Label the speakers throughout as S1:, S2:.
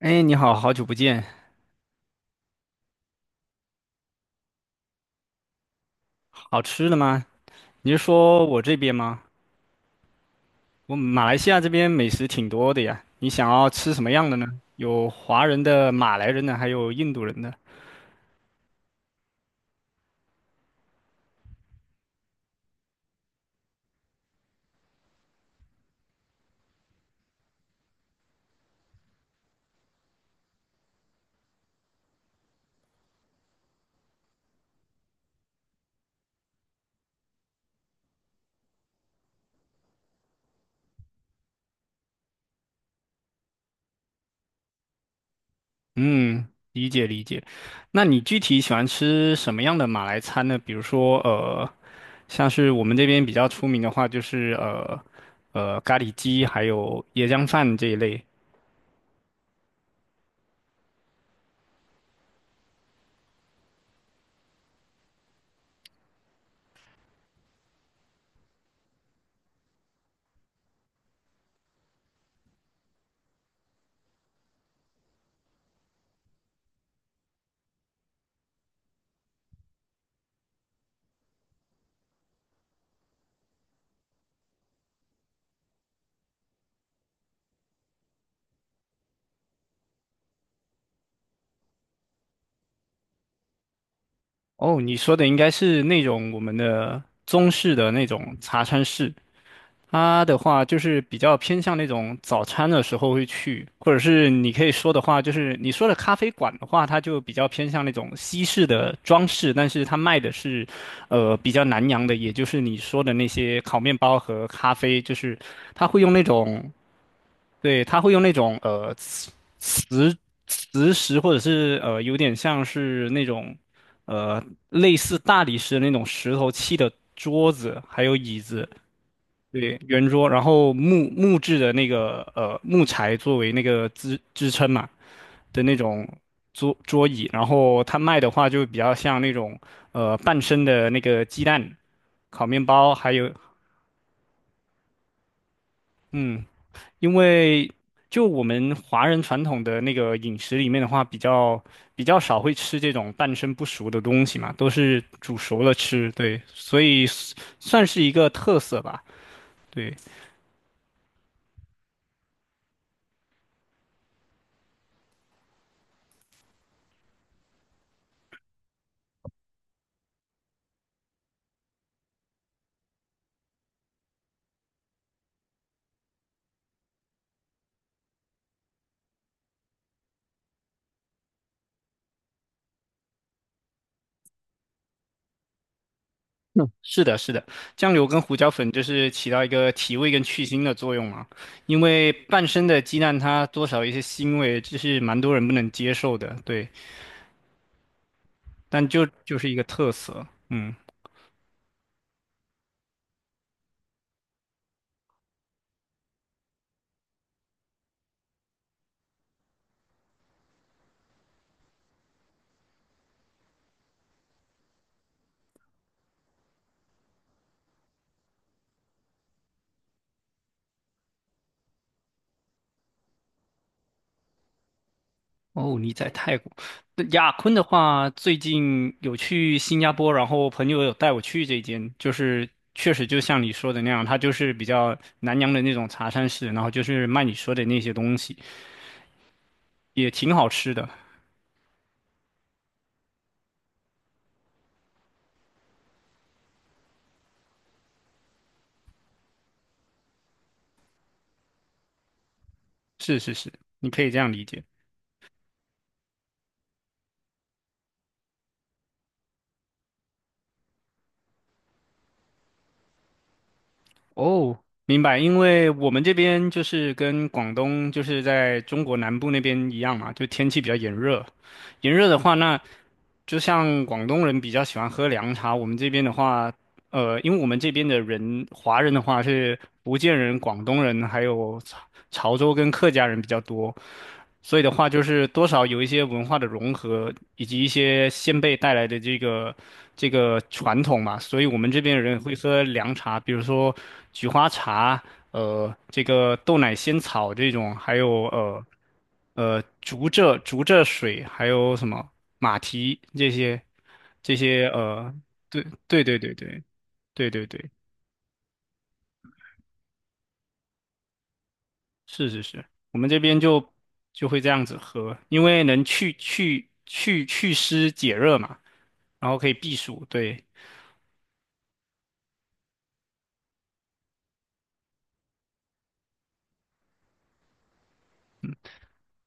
S1: 哎，你好，好久不见，好吃的吗？你是说我这边吗？我马来西亚这边美食挺多的呀，你想要吃什么样的呢？有华人的、马来人的，还有印度人的。嗯，理解理解。那你具体喜欢吃什么样的马来餐呢？比如说，像是我们这边比较出名的话，就是咖喱鸡，还有椰浆饭这一类。哦，你说的应该是那种我们的中式的那种茶餐式。它的话就是比较偏向那种早餐的时候会去，或者是你可以说的话，就是你说的咖啡馆的话，它就比较偏向那种西式的装饰，但是它卖的是，比较南洋的，也就是你说的那些烤面包和咖啡，就是它会用那种，对，它会用那种磁磁石，或者是有点像是那种呃类似大理石的那种石头砌的桌子还有椅子。对，圆桌，然后木质的那个木材作为那个支撑嘛的那种桌椅，然后它卖的话就比较像那种半生的那个鸡蛋、烤面包，还有嗯，因为就我们华人传统的那个饮食里面的话，比较少会吃这种半生不熟的东西嘛，都是煮熟了吃，对，所以算是一个特色吧，对。是的，是的，酱油跟胡椒粉就是起到一个提味跟去腥的作用嘛。因为半生的鸡蛋它多少有一些腥味，这是蛮多人不能接受的，对。但就是一个特色，嗯。哦，你在泰国，那雅坤的话，最近有去新加坡，然后朋友有带我去这间，就是确实就像你说的那样，它就是比较南洋的那种茶餐室，然后就是卖你说的那些东西，也挺好吃的。是是是，你可以这样理解。哦，明白，因为我们这边就是跟广东就是在中国南部那边一样嘛，就天气比较炎热。炎热的话，那就像广东人比较喜欢喝凉茶，我们这边的话，因为我们这边的人，华人的话是福建人、广东人，还有潮州跟客家人比较多，所以的话，就是多少有一些文化的融合，以及一些先辈带来的这个传统嘛。所以我们这边的人会喝凉茶，比如说菊花茶，这个豆奶仙草这种，还有竹蔗水，还有什么马蹄这些，对对对对对对对对，是是是，我们这边就就会这样子喝，因为能去祛湿解热嘛。然后可以避暑，对，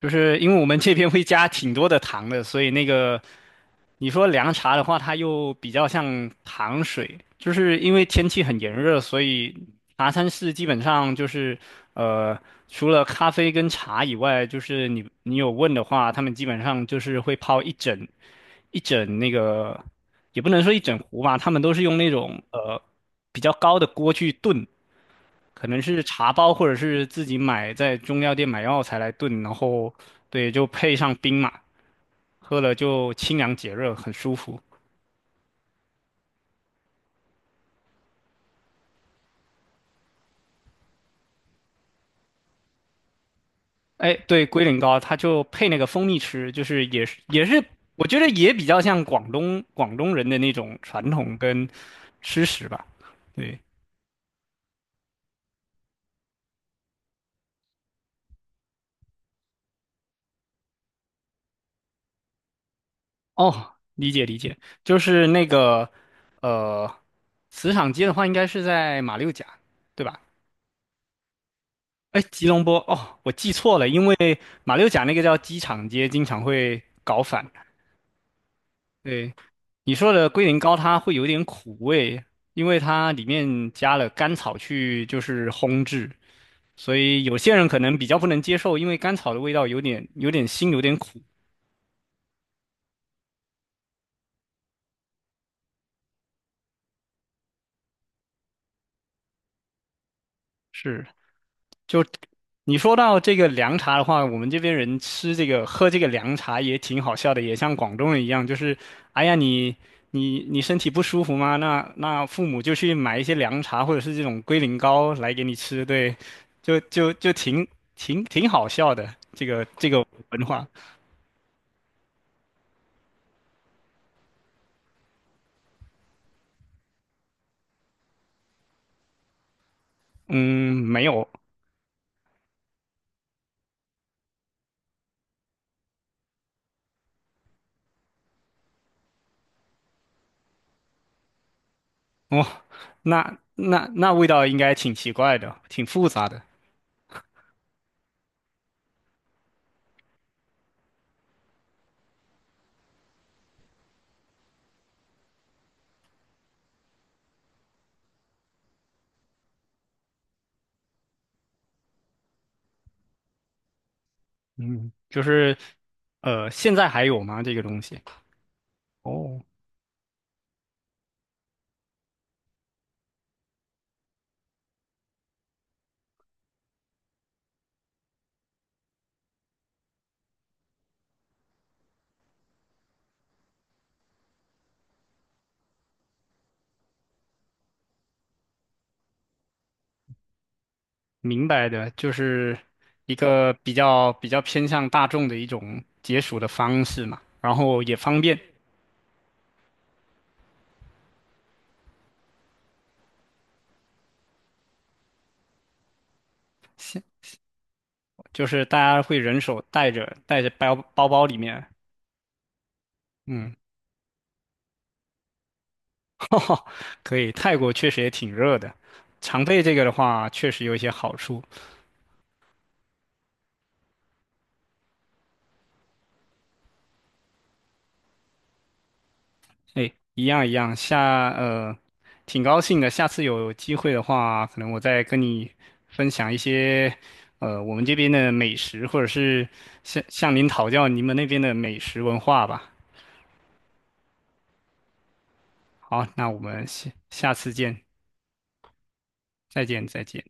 S1: 就是因为我们这边会加挺多的糖的，所以那个你说凉茶的话，它又比较像糖水，就是因为天气很炎热，所以茶餐室基本上就是呃，除了咖啡跟茶以外，就是你有问的话，他们基本上就是会泡一整那个，也不能说一整壶吧，他们都是用那种比较高的锅去炖。可能是茶包或者是自己买在中药店买药材来炖，然后对，就配上冰嘛，喝了就清凉解热，很舒服。哎，对，龟苓膏它就配那个蜂蜜吃，就是也是，我觉得也比较像广东人的那种传统跟吃食吧。对，哦，理解理解，就是那个呃，磁场街的话应该是在马六甲，对吧？哎，吉隆坡哦，我记错了，因为马六甲那个叫机场街，经常会搞反。对，你说的龟苓膏，它会有点苦味，因为它里面加了甘草去就是烘制，所以有些人可能比较不能接受，因为甘草的味道有点腥，有点苦。是。就你说到这个凉茶的话，我们这边人吃这个喝这个凉茶也挺好笑的，也像广东人一样，就是哎呀你身体不舒服吗？那父母就去买一些凉茶或者是这种龟苓膏来给你吃，对，就挺好笑的这个文化。嗯，没有哦，那味道应该挺奇怪的，挺复杂的。嗯，就是现在还有吗？这个东西？哦。明白的，就是一个比较偏向大众的一种解暑的方式嘛，然后也方便，现就是大家会人手带着包包里面，嗯，哈，可以。泰国确实也挺热的，常备这个的话，确实有一些好处。哎，一样一样，挺高兴的。下次有机会的话，可能我再跟你分享一些我们这边的美食，或者是向您讨教你们那边的美食文化吧。好，那我们下下次见，再见，再见。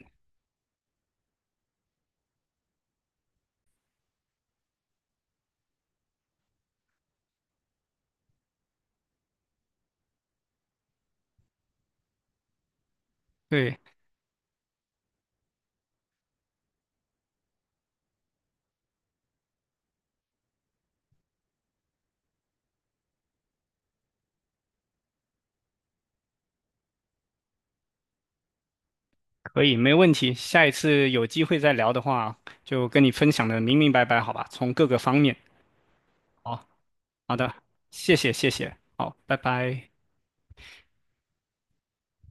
S1: 对，可以，没问题。下一次有机会再聊的话，就跟你分享的明明白白，好吧？从各个方面。好，好的，谢谢，谢谢，好，拜拜。